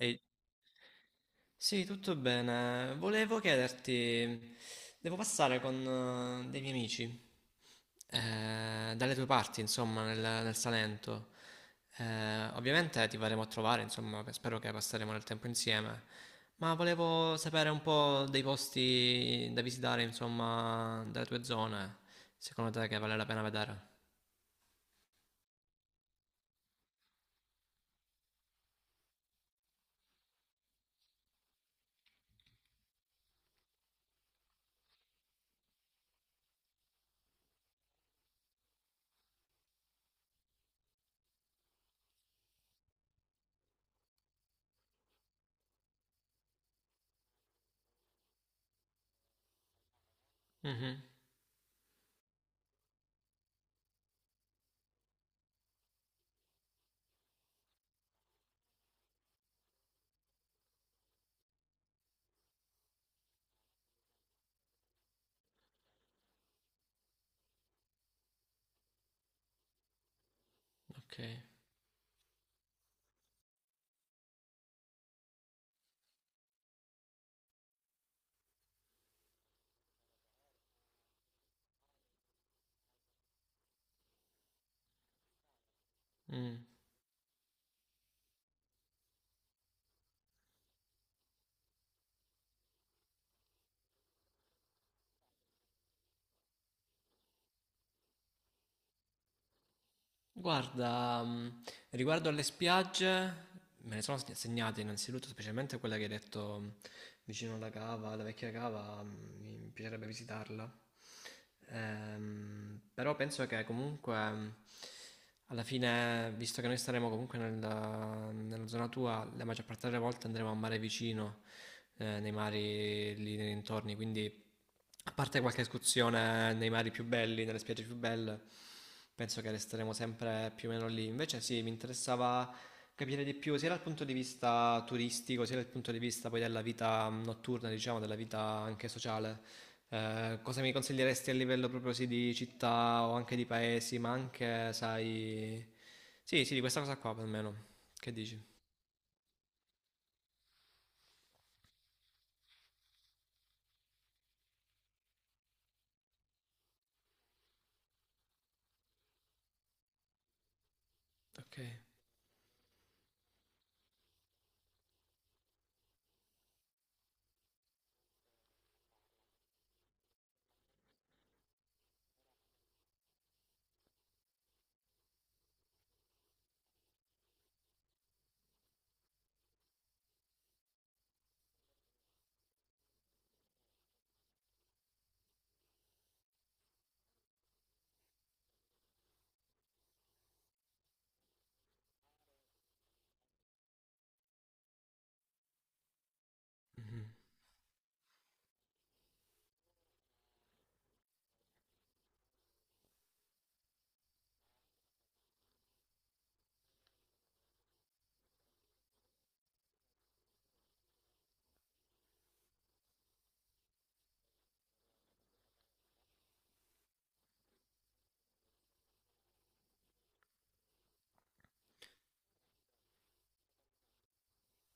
Ehi, sì, tutto bene. Volevo chiederti, devo passare con dei miei amici, dalle tue parti, insomma, nel Salento. Ovviamente ti verremo a trovare, insomma, spero che passeremo del tempo insieme, ma volevo sapere un po' dei posti da visitare, insomma, dalle tue zone, secondo te che vale la pena vedere. Mhm, ok. Mm. Guarda, riguardo alle spiagge, me ne sono segnate innanzitutto, specialmente quella che hai detto vicino alla cava, alla vecchia cava, mi piacerebbe visitarla. Però penso che comunque, alla fine, visto che noi staremo comunque nella zona tua, la maggior parte delle volte andremo a mare vicino, nei mari lì nei dintorni, quindi... A parte qualche escursione nei mari più belli, nelle spiagge più belle, penso che resteremo sempre più o meno lì. Invece sì, mi interessava capire di più sia dal punto di vista turistico, sia dal punto di vista poi della vita notturna, diciamo, della vita anche sociale. Cosa mi consiglieresti a livello proprio sì di città o anche di paesi, ma anche, sai... Sì, sì, di questa cosa qua almeno. Che dici? Ok. Mhm.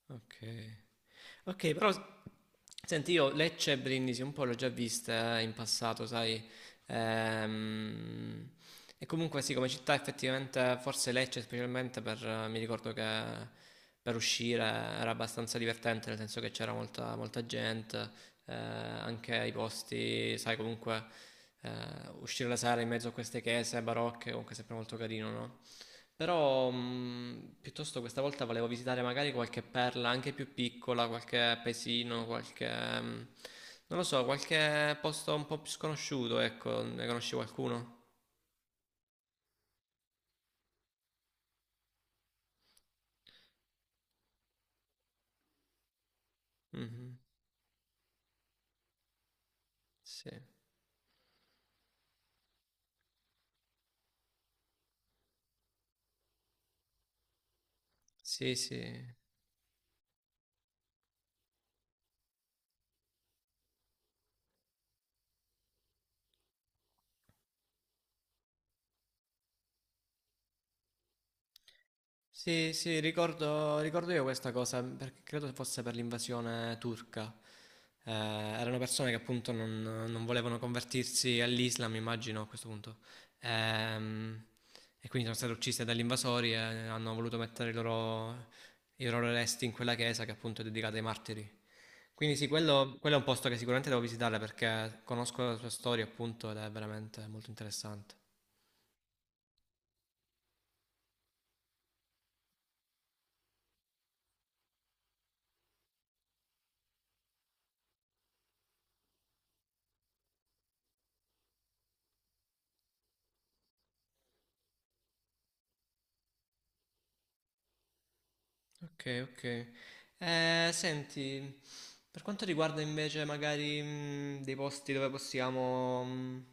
Ok. Ok, però senti, io Lecce e Brindisi un po' l'ho già vista in passato, sai. Ehm, e comunque sì, come città effettivamente, forse Lecce specialmente per, mi ricordo che per uscire era abbastanza divertente, nel senso che c'era molta gente, anche i posti, sai, comunque eh, uscire la sera in mezzo a queste chiese barocche, comunque è sempre molto carino, no? Però piuttosto questa volta volevo visitare magari qualche perla anche più piccola, qualche paesino, qualche... mh, non lo so, qualche posto un po' più sconosciuto, ecco, ne conosci qualcuno? Mhm, sì, sì, sì. Sì, sì, ricordo, ricordo io questa cosa, perché credo fosse per l'invasione turca. Erano persone che appunto non volevano convertirsi all'Islam, immagino a questo punto. Ehm, e quindi sono state uccise dagli invasori e hanno voluto mettere i i loro resti in quella chiesa che appunto è dedicata ai martiri. Quindi sì, quello è un posto che sicuramente devo visitare perché conosco la sua storia appunto ed è veramente molto interessante. Ok, ok. Senti, per quanto riguarda invece magari dei posti dove possiamo,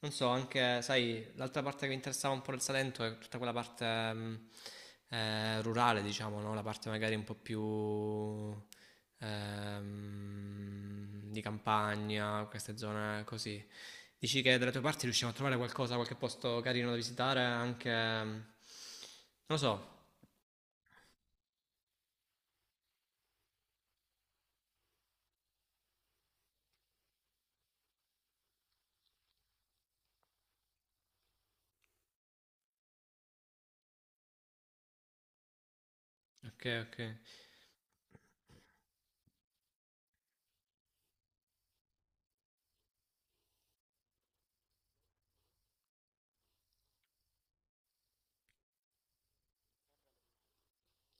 non so, anche, sai, l'altra parte che mi interessava un po' del Salento è tutta quella parte rurale, diciamo, no? La parte magari un po' più di campagna, queste zone così. Dici che dalle tue parti riusciamo a trovare qualcosa, qualche posto carino da visitare, anche, non lo so. Ok, ok.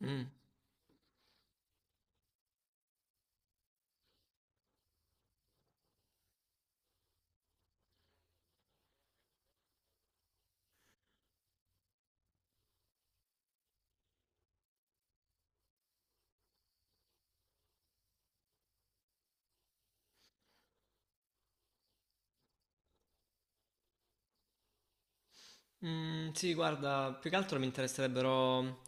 Mm. Mm, sì, guarda, più che altro mi interesserebbero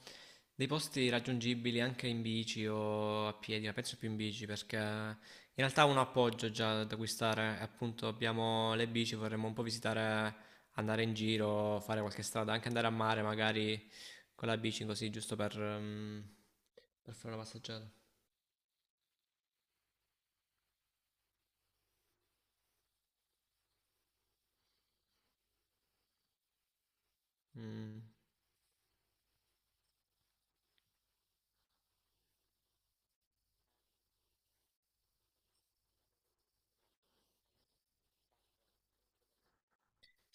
dei posti raggiungibili anche in bici o a piedi, ma penso più in bici perché in realtà ho un appoggio già da acquistare, e appunto abbiamo le bici, vorremmo un po' visitare, andare in giro, fare qualche strada, anche andare a mare magari con la bici così, giusto per, per fare una passeggiata. Mm.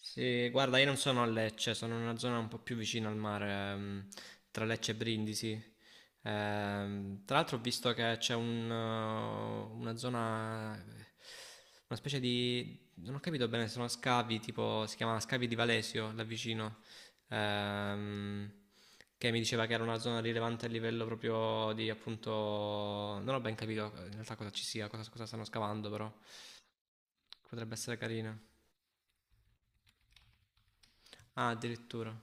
Sì, guarda, io non sono a Lecce, sono in una zona un po' più vicina al mare, tra Lecce e Brindisi. Tra l'altro ho visto che c'è un, una zona, una specie di, non ho capito bene, sono scavi, tipo, si chiama Scavi di Valesio, là vicino, ehm, che mi diceva che era una zona rilevante a livello proprio di, appunto, non ho ben capito in realtà cosa ci sia, cosa, cosa stanno scavando, però potrebbe essere carina. Ah, addirittura.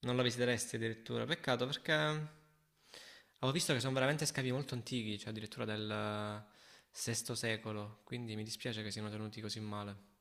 Non la visiteresti addirittura. Peccato perché avevo visto che sono veramente scavi molto antichi, cioè addirittura del VI secolo, quindi mi dispiace che siano tenuti così male.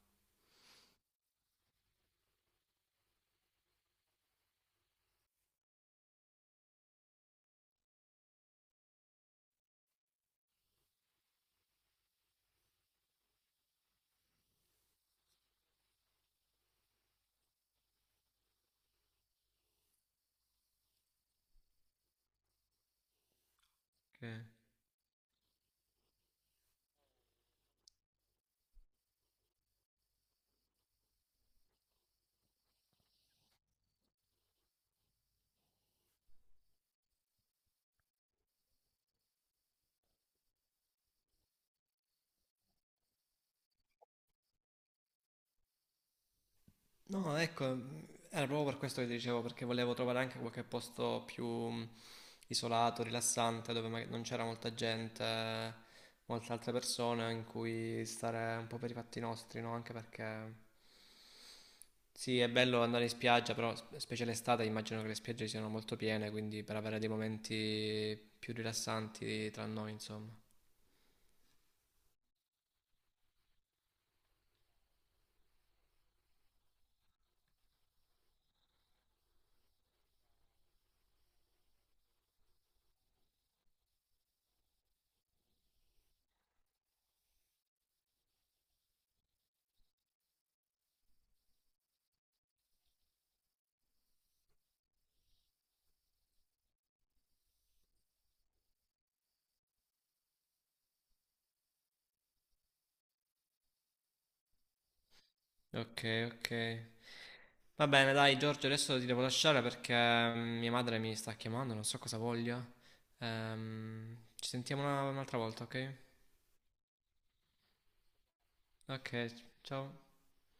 Che- No, ecco, era proprio per questo che ti dicevo, perché volevo trovare anche qualche posto più isolato, rilassante, dove magari non c'era molta gente, molte altre persone in cui stare un po' per i fatti nostri, no? Anche perché sì, è bello andare in spiaggia, però specie l'estate immagino che le spiagge siano molto piene, quindi per avere dei momenti più rilassanti tra noi, insomma. Ok, ok. Va bene, dai Giorgio, adesso ti devo lasciare perché mia madre mi sta chiamando, non so cosa voglia. Ci sentiamo un'altra volta, ok? Ok, ciao.